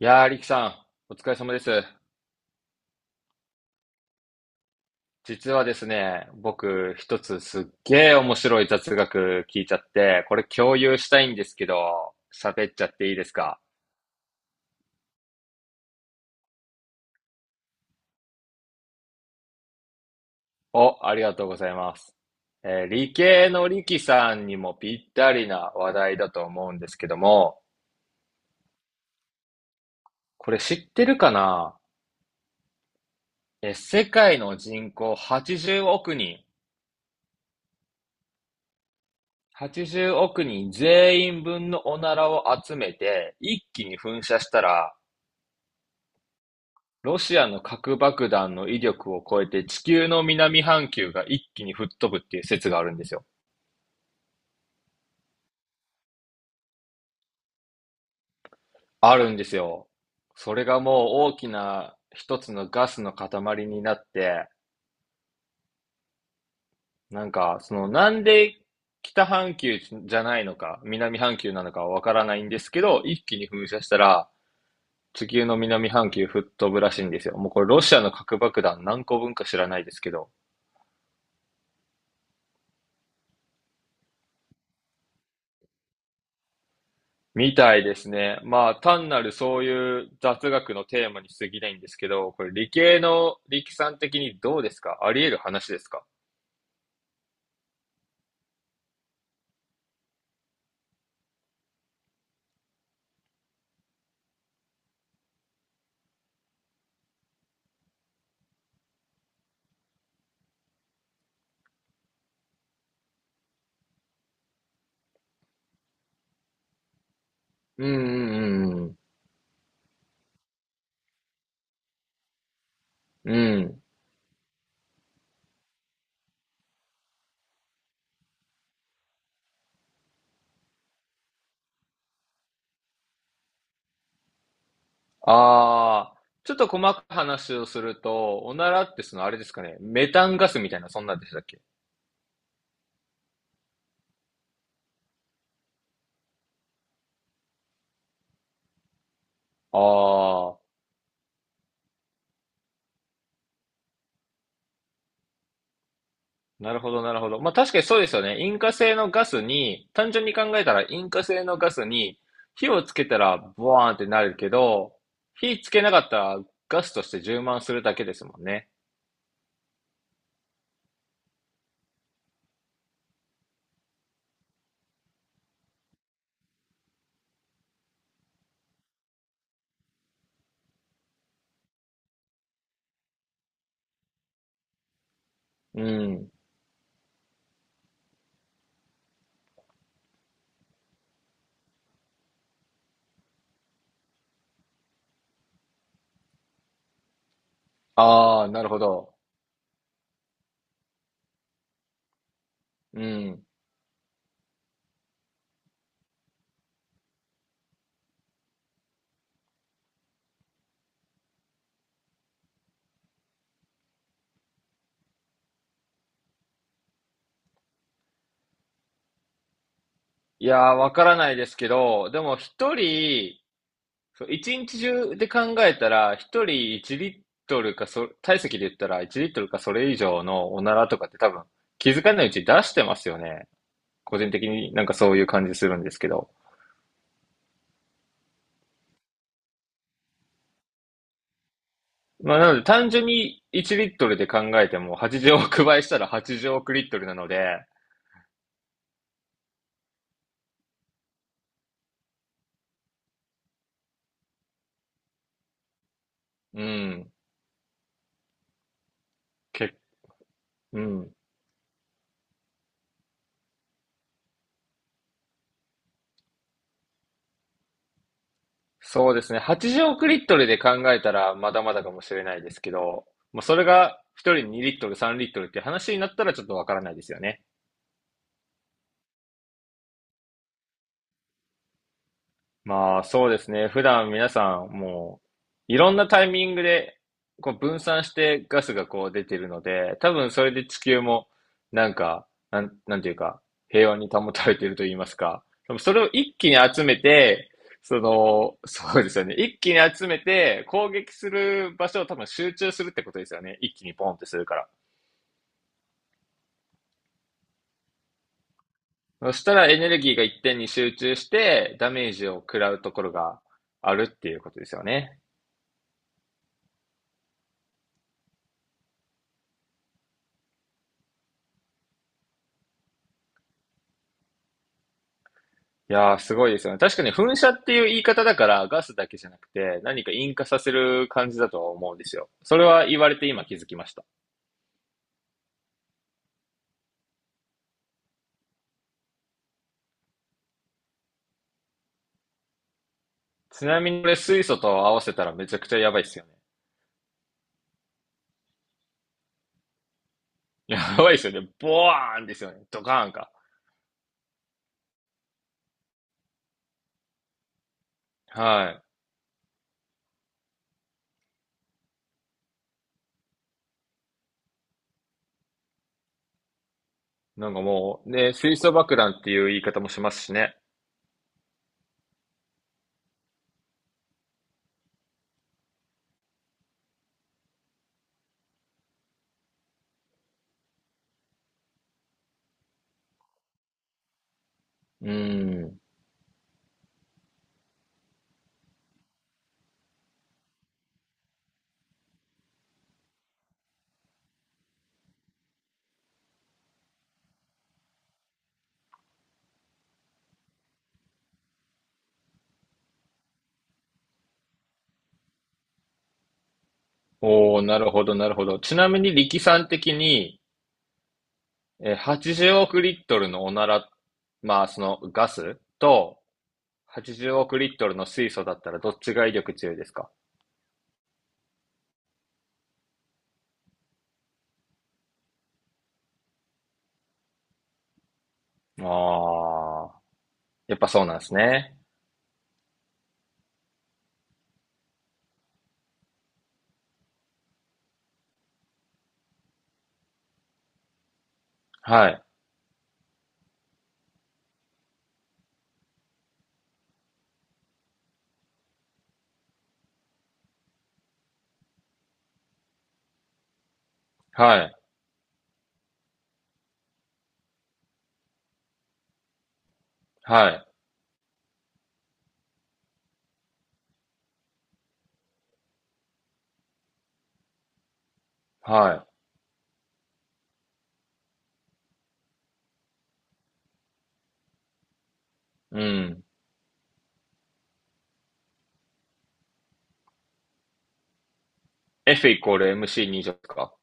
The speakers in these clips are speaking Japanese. いやー、リキさん、お疲れ様です。実はですね、僕、一つすっげー面白い雑学聞いちゃって、これ共有したいんですけど、喋っちゃっていいですか？お、ありがとうございます。理系のリキさんにもぴったりな話題だと思うんですけども、これ知ってるかな？世界の人口80億人、80億人全員分のおならを集めて、一気に噴射したら、ロシアの核爆弾の威力を超えて地球の南半球が一気に吹っ飛ぶっていう説があるんですよ。あるんですよ。それがもう大きな一つのガスの塊になって、なんか、そのなんで北半球じゃないのか、南半球なのかはわからないんですけど、一気に噴射したら地球の南半球吹っ飛ぶらしいんですよ。もうこれロシアの核爆弾何個分か知らないですけど、みたいですね。まあ、単なるそういう雑学のテーマに過ぎないんですけど、これ理系の力さん的にどうですか？あり得る話ですか？うん、うん、うん、うん。うん。ああ、ちょっと細かく話をすると、おならってそのあれですかね。メタンガスみたいな、そんなんでしたっけ？ああ、なるほど、なるほど。まあ確かにそうですよね。引火性のガスに、単純に考えたら引火性のガスに火をつけたらボワーンってなるけど、火つけなかったらガスとして充満するだけですもんね。うん。ああ、なるほど。うん。いやー、わからないですけど、でも一人、そう一日中で考えたら、一人1リットルか、体積で言ったら1リットルかそれ以上のおならとかって多分気づかないうちに出してますよね。個人的になんかそういう感じするんですけど。まあなので単純に1リットルで考えても80億倍したら80億リットルなので、うん、け、うん。そうですね。80億リットルで考えたらまだまだかもしれないですけど、もうそれが1人2リットル3リットルって話になったらちょっとわからないですよね。まあ、そうですね。普段皆さん、もう、いろんなタイミングで、こう分散してガスがこう出てるので、多分それで地球も、なんか、なんていうか、平和に保たれていると言いますか。でもそれを一気に集めて、そうですよね。一気に集めて、攻撃する場所を多分集中するってことですよね。一気にポンってするから。そしたらエネルギーが一点に集中して、ダメージを食らうところがあるっていうことですよね。いやー、すごいですよね。確かに噴射っていう言い方だから、ガスだけじゃなくて、何か引火させる感じだとは思うんですよ。それは言われて今気づきました。ちなみにこれ水素と合わせたらめちゃくちゃやばいっすよね。やばいっすよね。ボワーンですよね。ドカーンか。はい。なんかもう、ね、水素爆弾っていう言い方もしますしね。うーん。おー、なるほど、なるほど。ちなみに力さん的に、80億リットルのおなら、まあそのガスと、80億リットルの水素だったらどっちが威力強いですか？ああ、やっぱそうなんですね。はい、はい、はい、はい、うん。F イコール MC 2乗ですか？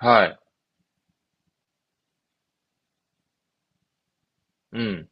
はい、うん、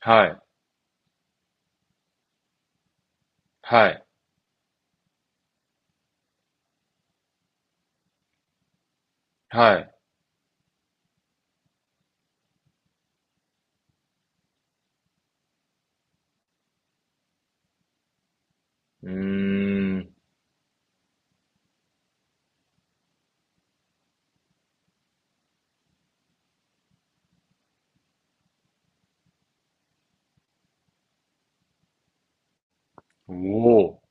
はい、はい、はい。うーん、お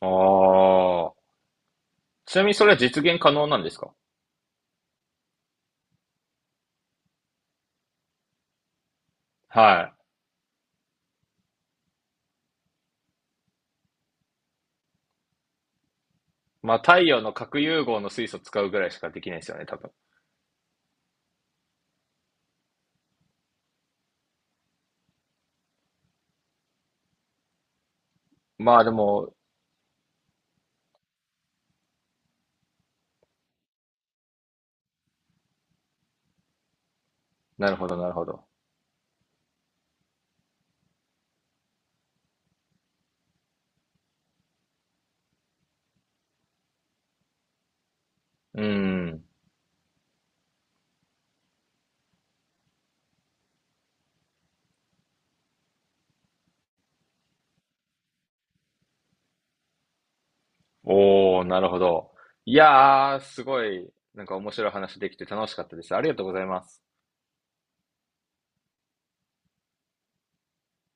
お、ああ。ちなみにそれは実現可能なんですか？はい。まあ、太陽の核融合の水素使うぐらいしかできないですよね、多分。まあ、でも、なるほど、なるほど。うん。おー、なるほど。いやー、すごい、なんか面白い話できて楽しかったです。ありがとうございます。